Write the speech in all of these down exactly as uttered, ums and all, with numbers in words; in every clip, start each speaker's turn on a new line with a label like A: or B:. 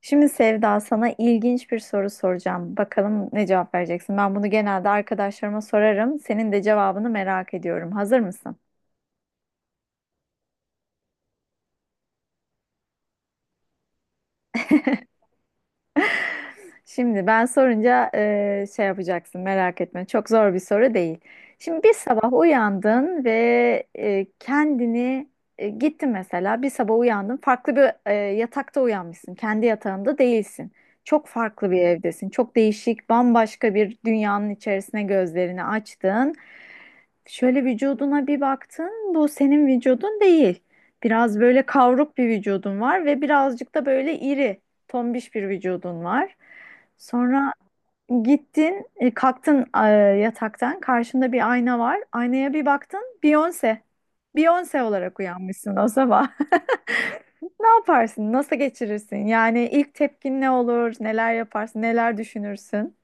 A: Şimdi Sevda sana ilginç bir soru soracağım. Bakalım ne cevap vereceksin? Ben bunu genelde arkadaşlarıma sorarım. Senin de cevabını merak ediyorum. Hazır mısın? Şimdi ben sorunca e, şey yapacaksın, merak etme. Çok zor bir soru değil. Şimdi bir sabah uyandın ve e, kendini e, gittin mesela bir sabah uyandın, farklı bir e, yatakta uyanmışsın. Kendi yatağında değilsin. Çok farklı bir evdesin. Çok değişik, bambaşka bir dünyanın içerisine gözlerini açtın. Şöyle vücuduna bir baktın. Bu senin vücudun değil. Biraz böyle kavruk bir vücudun var ve birazcık da böyle iri, tombiş bir vücudun var. Sonra gittin, e, kalktın e, yataktan. Karşında bir ayna var. Aynaya bir baktın, Beyoncé. Beyoncé olarak uyanmışsın o sabah. Ne yaparsın? Nasıl geçirirsin? Yani ilk tepkin ne olur? Neler yaparsın? Neler düşünürsün?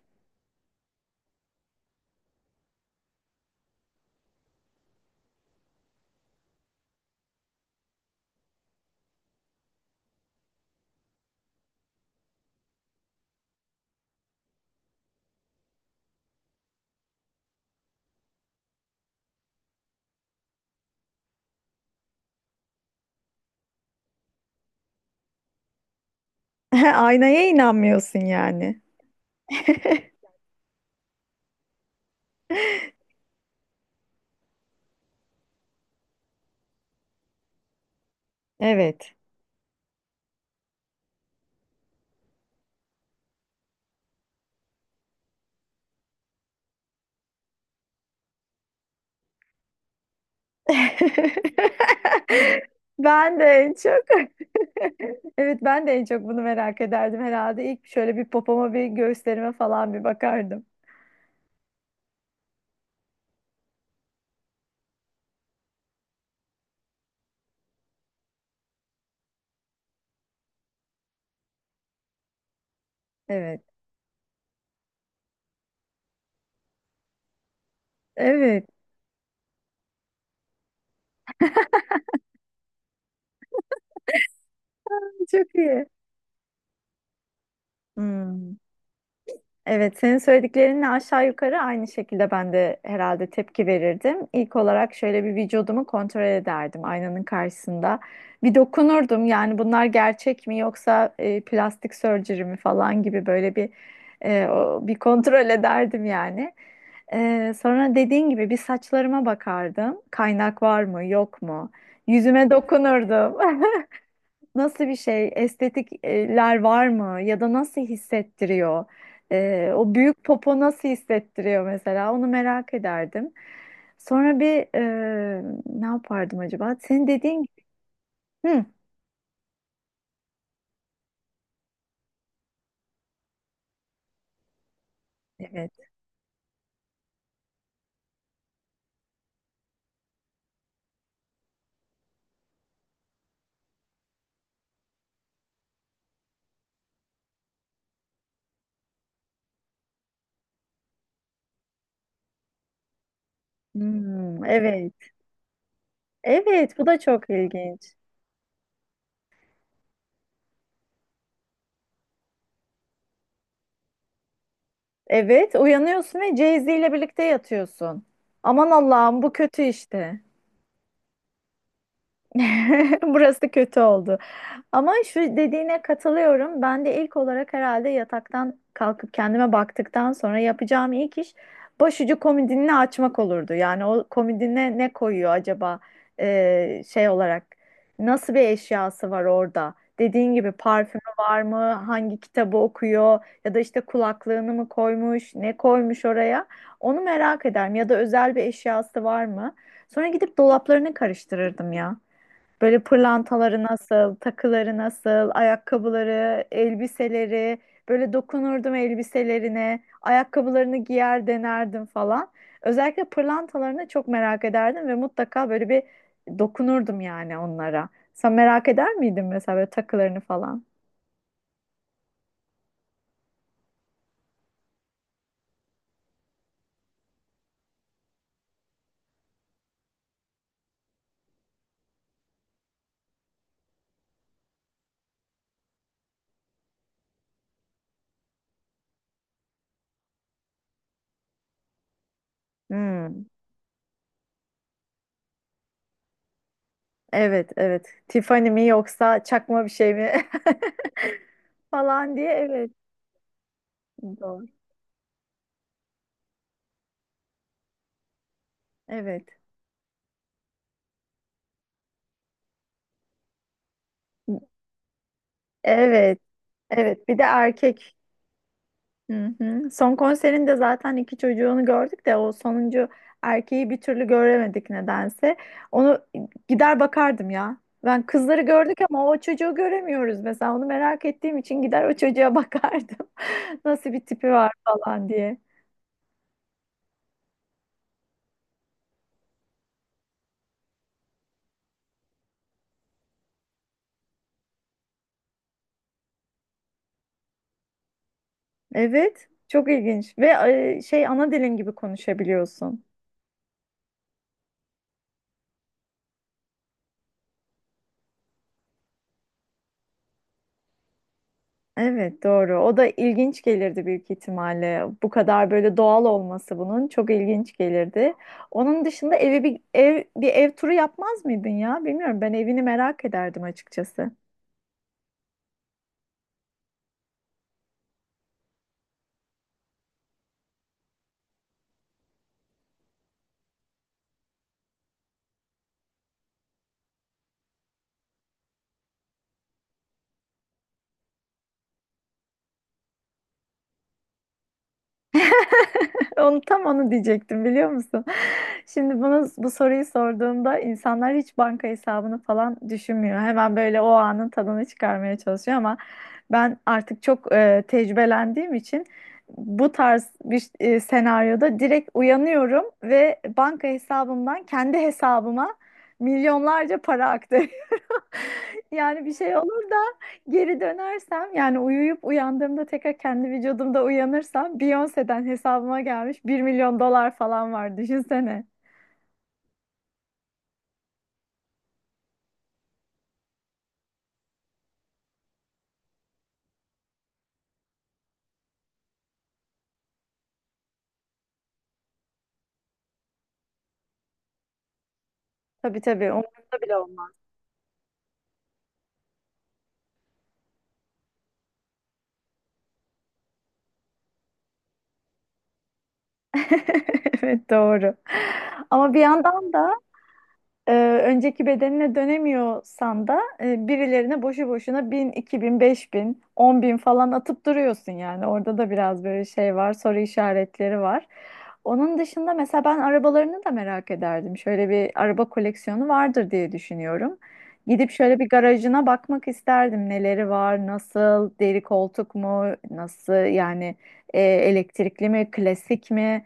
A: Aynaya inanmıyorsun yani. Evet. Ben de en çok evet, ben de en çok bunu merak ederdim herhalde. İlk şöyle bir popoma, bir göğüslerime falan bir bakardım. Evet. Evet. Çok iyi. Hmm. Evet, senin söylediklerinle aşağı yukarı aynı şekilde ben de herhalde tepki verirdim. İlk olarak şöyle bir vücudumu kontrol ederdim aynanın karşısında. Bir dokunurdum yani, bunlar gerçek mi yoksa e, plastik surgery mi falan gibi böyle bir e, o- bir kontrol ederdim yani. E, sonra dediğin gibi bir saçlarıma bakardım. Kaynak var mı yok mu? Yüzüme dokunurdum. Nasıl bir şey? Estetikler var mı? Ya da nasıl hissettiriyor? Ee, o büyük popo nasıl hissettiriyor mesela? Onu merak ederdim. Sonra bir, e, ne yapardım acaba? Senin dediğin. Hı, evet. Hmm, evet. Evet, bu da çok ilginç. Evet, uyanıyorsun ve Jay-Z ile birlikte yatıyorsun. Aman Allah'ım, bu kötü işte. Burası kötü oldu. Ama şu dediğine katılıyorum. Ben de ilk olarak herhalde yataktan kalkıp kendime baktıktan sonra yapacağım ilk iş başucu komodinini açmak olurdu. Yani o komodine ne koyuyor acaba? Ee, şey olarak nasıl bir eşyası var orada? Dediğin gibi parfümü var mı? Hangi kitabı okuyor? Ya da işte kulaklığını mı koymuş? Ne koymuş oraya? Onu merak ederim. Ya da özel bir eşyası var mı? Sonra gidip dolaplarını karıştırırdım ya. Böyle pırlantaları nasıl, takıları nasıl, ayakkabıları, elbiseleri. Böyle dokunurdum elbiselerine, ayakkabılarını giyer denerdim falan. Özellikle pırlantalarını çok merak ederdim ve mutlaka böyle bir dokunurdum yani onlara. Sen merak eder miydin mesela böyle takılarını falan? Hmm. Evet, evet. Tiffany mi yoksa çakma bir şey mi falan diye, evet. Doğru. Evet. Evet. Evet. Bir de erkek. Hı hı. Son konserinde zaten iki çocuğunu gördük de o sonuncu erkeği bir türlü göremedik nedense. Onu gider bakardım ya. Ben kızları gördük ama o çocuğu göremiyoruz mesela. Onu merak ettiğim için gider o çocuğa bakardım. Nasıl bir tipi var falan diye. Evet, çok ilginç ve e, şey, ana dilin gibi konuşabiliyorsun. Evet, doğru. O da ilginç gelirdi büyük ihtimalle. Bu kadar böyle doğal olması bunun çok ilginç gelirdi. Onun dışında evi bir ev bir ev turu yapmaz mıydın ya? Bilmiyorum. Ben evini merak ederdim açıkçası. Onu tam onu diyecektim biliyor musun? Şimdi bunu bu soruyu sorduğumda insanlar hiç banka hesabını falan düşünmüyor. Hemen böyle o anın tadını çıkarmaya çalışıyor ama ben artık çok e, tecrübelendiğim için bu tarz bir e, senaryoda direkt uyanıyorum ve banka hesabımdan kendi hesabıma milyonlarca para aktı. Yani bir şey olur da geri dönersem, yani uyuyup uyandığımda tekrar kendi vücudumda uyanırsam, Beyoncé'den hesabıma gelmiş bir milyon dolar falan var, düşünsene. Tabii tabii, umurumda bile olmaz. Evet, doğru. Ama bir yandan da e, önceki bedenine dönemiyorsan da, e, birilerine boşu boşuna bin, iki bin, beş bin, on bin falan atıp duruyorsun yani. Orada da biraz böyle şey var, soru işaretleri var. Onun dışında mesela ben arabalarını da merak ederdim. Şöyle bir araba koleksiyonu vardır diye düşünüyorum. Gidip şöyle bir garajına bakmak isterdim. Neleri var, nasıl, deri koltuk mu, nasıl yani, e, elektrikli mi, klasik mi?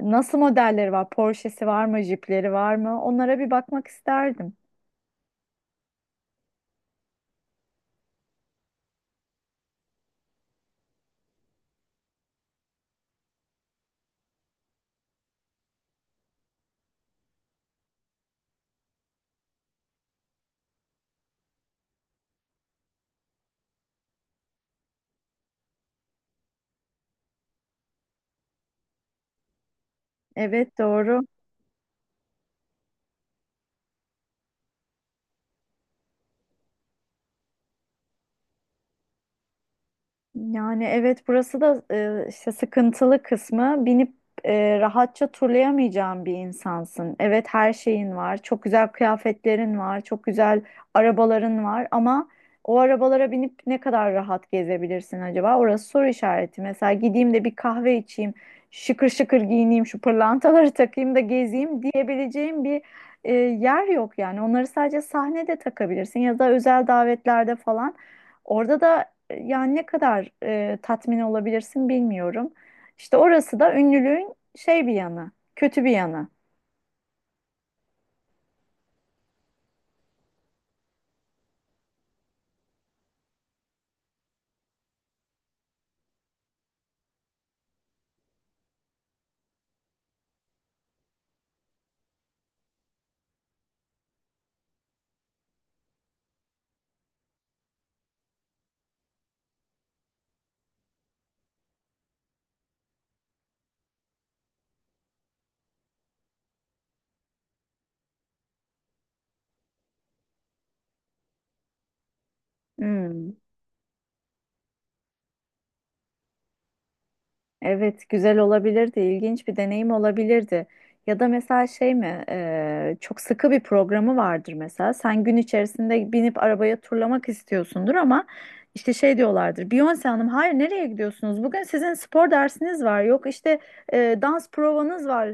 A: Nasıl modelleri var? Porsche'si var mı? Jeep'leri var mı? Onlara bir bakmak isterdim. Evet, doğru. Yani evet, burası da e, işte sıkıntılı kısmı, binip e, rahatça turlayamayacağın bir insansın. Evet, her şeyin var, çok güzel kıyafetlerin var, çok güzel arabaların var ama o arabalara binip ne kadar rahat gezebilirsin acaba? Orası soru işareti. Mesela gideyim de bir kahve içeyim, şıkır şıkır giyineyim, şu pırlantaları takayım da gezeyim diyebileceğim bir e, yer yok yani. Onları sadece sahnede takabilirsin ya da özel davetlerde falan. Orada da yani ne kadar e, tatmin olabilirsin bilmiyorum. İşte orası da ünlülüğün şey bir yanı, kötü bir yanı. Hmm. Evet, güzel olabilirdi, ilginç bir deneyim olabilirdi. Ya da mesela şey mi, e, çok sıkı bir programı vardır mesela. Sen gün içerisinde binip arabaya turlamak istiyorsundur ama işte şey diyorlardır. Beyoncé Hanım, hayır nereye gidiyorsunuz? Bugün sizin spor dersiniz var. Yok işte, e, dans provanız var.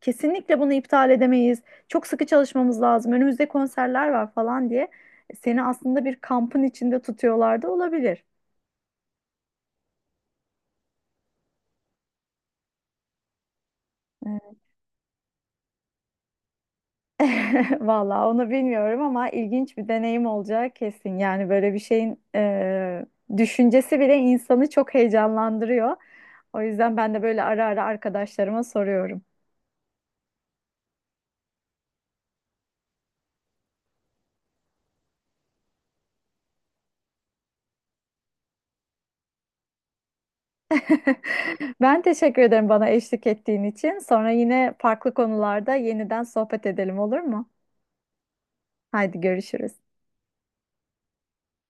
A: Kesinlikle bunu iptal edemeyiz. Çok sıkı çalışmamız lazım. Önümüzde konserler var falan diye seni aslında bir kampın içinde tutuyorlar da olabilir. Vallahi onu bilmiyorum ama ilginç bir deneyim olacağı kesin. Yani böyle bir şeyin e, düşüncesi bile insanı çok heyecanlandırıyor. O yüzden ben de böyle ara ara arkadaşlarıma soruyorum. Ben teşekkür ederim bana eşlik ettiğin için. Sonra yine farklı konularda yeniden sohbet edelim, olur mu? Haydi görüşürüz.